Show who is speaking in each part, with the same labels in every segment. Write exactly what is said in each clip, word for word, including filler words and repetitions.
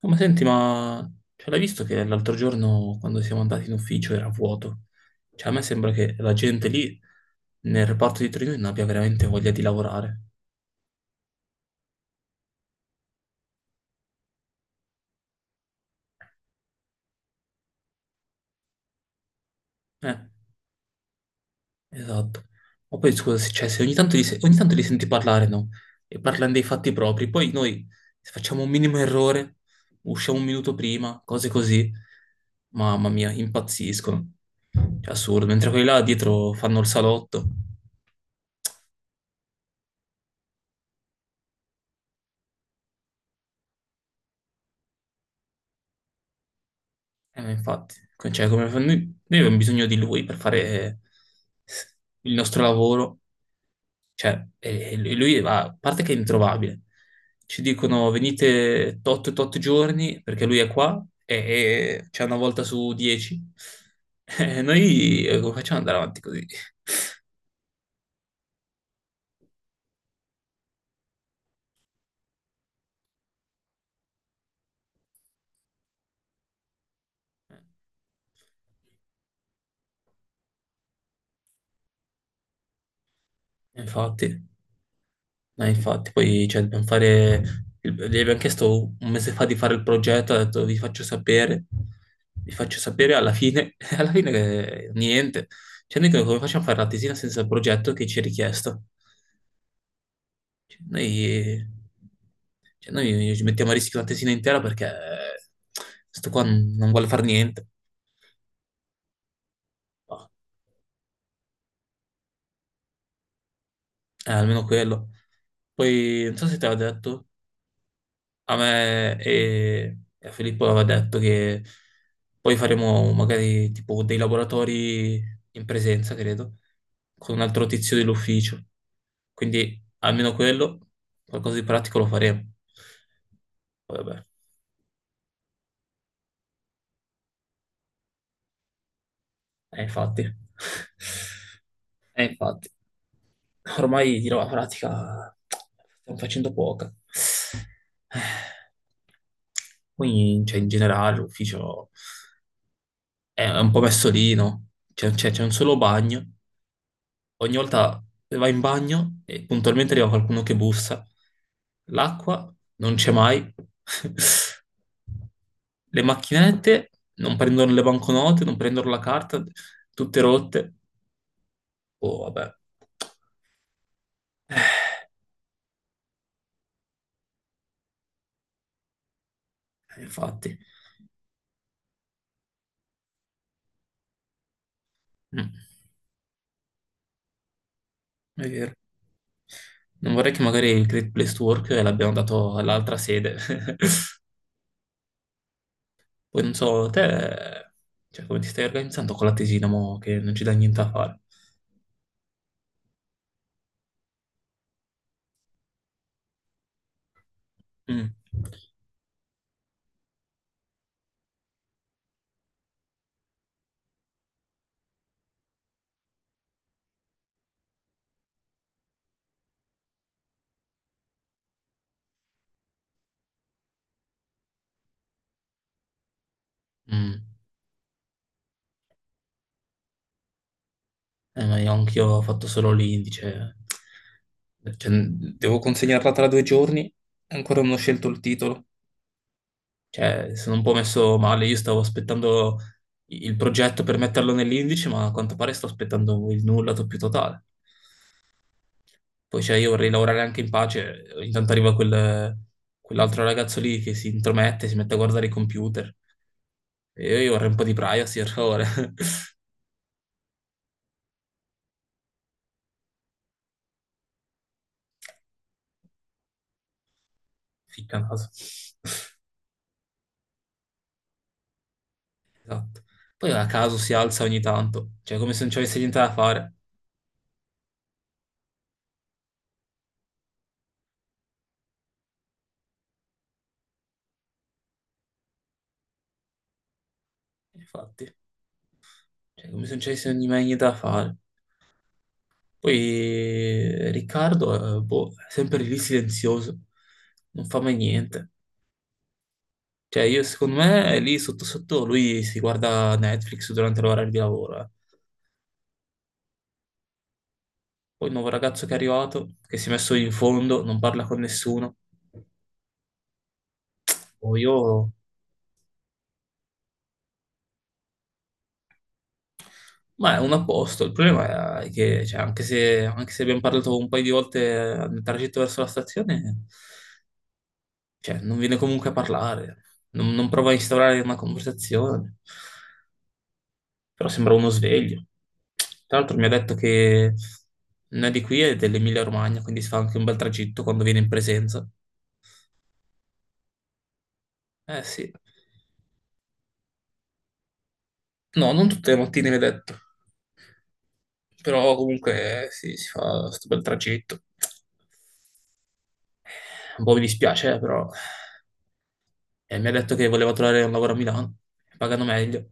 Speaker 1: No, ma senti, ma cioè, l'hai visto che l'altro giorno quando siamo andati in ufficio era vuoto? Cioè, a me sembra che la gente lì nel reparto di Torino non abbia veramente voglia di lavorare. Eh, esatto. Ma poi scusa, se, cioè, se ogni tanto li, se- ogni tanto li senti parlare, no? E parlano dei fatti propri, poi noi se facciamo un minimo errore, usciamo un minuto prima, cose così. Mamma mia, impazziscono. Cioè, assurdo, mentre quelli là dietro fanno il salotto. Eh, infatti, co- cioè, come fa- noi, noi abbiamo bisogno di lui per fare s- il nostro lavoro, cioè, e- e lui lui va- a parte che è introvabile, ci dicono venite tot tot giorni perché lui è qua e, e c'è una volta su dieci, e noi eh, come facciamo ad andare avanti così? Eh, Infatti. Eh, infatti, poi cioè, dobbiamo fare. il- Gli abbiamo chiesto un mese fa di fare il progetto, ha detto vi faccio sapere, vi faccio sapere alla fine, alla fine eh, niente. Cioè, noi come facciamo a fare la tesina senza il progetto che ci è richiesto? Cioè, noi, cioè, noi ci mettiamo a rischio la tesina intera perché eh, sto qua non non vuole fare niente. Boh, eh, almeno quello. Poi non so se te l'ha detto, a me e e a Filippo aveva detto che poi faremo magari tipo dei laboratori in presenza, credo, con un altro tizio dell'ufficio. Quindi almeno quello, qualcosa di pratico lo faremo. Poi vabbè, eh, infatti. Eh, infatti. Ormai di roba pratica stiamo facendo poca. Eh, Quindi, cioè, in generale, l'ufficio è un po' messo lì, no? C'è c'è- c'è un solo bagno, ogni volta vai in bagno e puntualmente arriva qualcuno che bussa. L'acqua non c'è mai. Le macchinette non prendono le banconote, non prendono la carta, tutte rotte. Oh, vabbè. Eh, infatti. Mm, è vero. Non vorrei che magari il Great Place to Work l'abbiano dato all'altra sede. Poi non so, te, cioè, come ti stai organizzando con la tesina, mo, che non ci dà niente a fare. Mm. Mm. Eh, ma io anch'io ho fatto solo l'indice. Cioè, devo consegnarla tra due giorni e ancora non ho scelto il titolo. Cioè, sono un po' messo male. Io stavo aspettando il progetto per metterlo nell'indice, ma a quanto pare sto aspettando il nulla più totale. Poi cioè, io vorrei lavorare anche in pace, ogni tanto arriva quel- quell'altro ragazzo lì che si intromette, si mette a guardare i computer. E io io vorrei un po' di privacy, per favore. Ficca naso. Esatto. Poi a caso si alza ogni tanto, cioè come se non ci avesse niente da fare. Infatti, cioè come se non ci avesse ogni- mai niente da fare. Poi eh, Riccardo, eh, boh, è sempre lì silenzioso, non fa mai niente. Cioè, io secondo me lì sotto sotto lui si guarda Netflix durante l'orario di lavoro. eh. Poi il nuovo ragazzo che è arrivato, che si è messo in fondo, non parla con nessuno. Poi io... Ma è un apposto. Il problema è che, cioè, anche se, anche se abbiamo parlato un paio di volte nel tragitto verso la stazione, cioè, non viene comunque a parlare. Non, non prova a instaurare una conversazione. Però sembra uno sveglio. Tra l'altro mi ha detto che non è di qui, è dell'Emilia-Romagna, quindi si fa anche un bel tragitto quando viene in presenza. Eh sì. No, non tutte le mattine mi ha detto, però comunque eh, sì, si fa questo bel tragitto. Un po' mi dispiace, eh, però. Eh, mi ha detto che voleva trovare un lavoro a Milano, pagano meglio.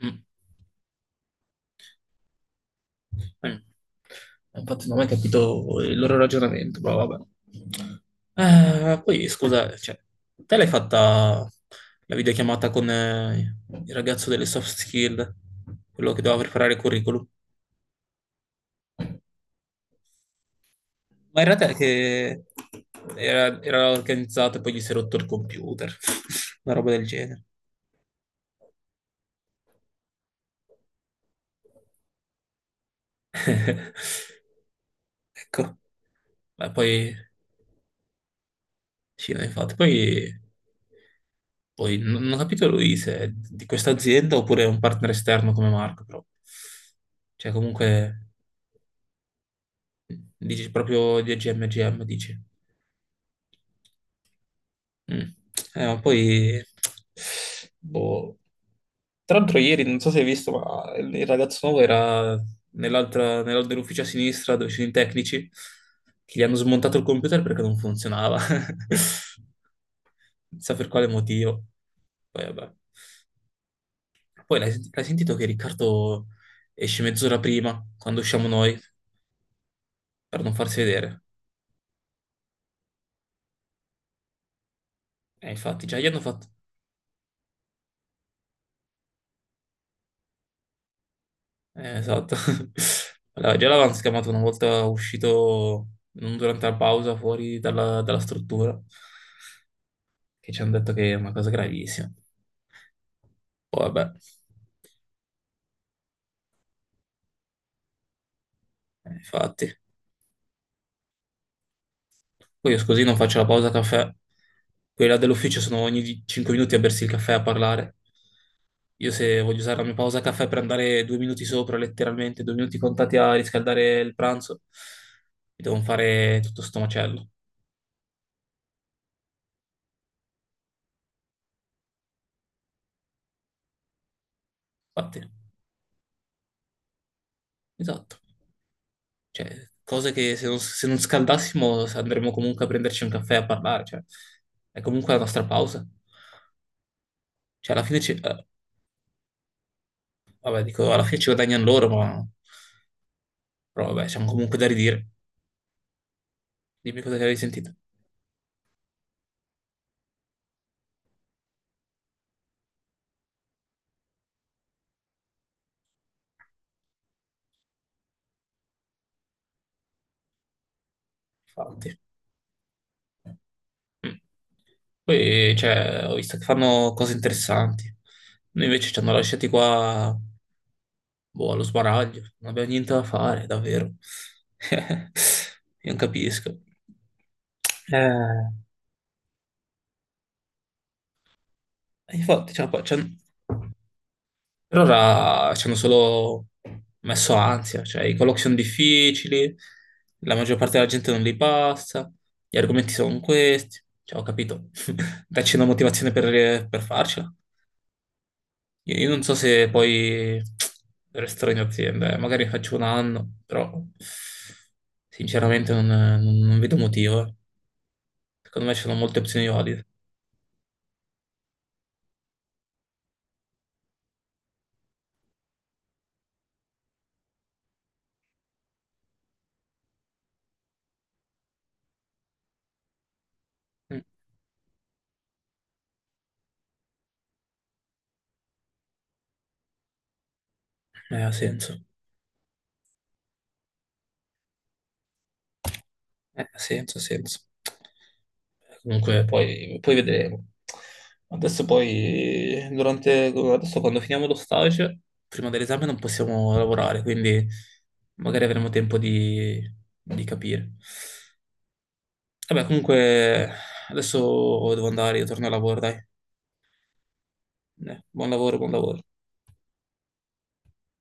Speaker 1: Mm. Mm. Infatti non ho mai capito il loro ragionamento, ma vabbè. Eh, poi scusa, cioè, te l'hai fatta la videochiamata con eh, il ragazzo delle soft skill, quello che doveva preparare il curriculum? Ma era te che era, era organizzato e poi gli si è rotto il computer, una roba del genere. Ecco, ma poi sì, no, infatti, poi Poi non non ho capito lui se è di questa azienda oppure è un partner esterno come Marco, però. Cioè, comunque, dici proprio di A G M, G M, dici. Mm. Eh, ma poi... Boh. Tra l'altro ieri, non so se hai visto, ma il il ragazzo nuovo era nell'altra, nell'al- nell'ufficio a sinistra dove ci sono i tecnici, che gli hanno smontato il computer perché non funzionava. Non so per quale motivo. Poi vabbè. Poi l'hai senti- l'hai sentito che Riccardo esce mezz'ora prima, quando usciamo noi, per non farsi vedere? E infatti già gli hanno fatto... Eh, esatto. Allora, già l'avevano scamato una volta uscito, non durante la pausa, fuori dalla, dalla struttura, che ci hanno detto che è una cosa gravissima. Poi vabbè, eh, infatti. Poi io scusi, non faccio la pausa caffè. Quelli là dell'ufficio sono ogni cinque minuti a bersi il caffè e a parlare. Io se voglio usare la mia pausa caffè per andare due minuti sopra, letteralmente, due minuti contati a riscaldare il pranzo, mi devo fare tutto sto macello. Infatti, esatto. Cioè, cose che se non, se non scaldassimo andremmo comunque a prenderci un caffè a parlare, cioè, è comunque la nostra pausa. Cioè, alla fine ci, eh, vabbè, dico, alla fine ci guadagnano loro, ma però vabbè, siamo comunque da ridire. Dimmi cosa che avevi sentito. Infatti. Mm. Poi, cioè, ho visto che fanno cose interessanti. Noi invece ci hanno lasciati qua, boh, allo sbaraglio. Non abbiamo niente da fare, davvero. Io non capisco. Eh, infatti, cioè, poi ci han- per ora ci hanno solo messo ansia. Cioè, i colloqui sono difficili, la maggior parte della gente non li passa, gli argomenti sono questi. Cioè, ho capito. Dacci una motivazione per per farcela. Io io non so se poi resterò in azienda, eh. Magari faccio un anno, però sinceramente non, non- non vedo motivo. Eh. Secondo me ci sono molte opzioni valide. Mm, eh, ha senso. Eh, ha senso, ha senso. Comunque poi, poi vedremo. Adesso poi, durante, adesso quando finiamo lo stage, prima dell'esame non possiamo lavorare, quindi magari avremo tempo di, di capire. Vabbè, comunque adesso devo andare, io torno al lavoro, dai. Eh, buon lavoro, buon lavoro.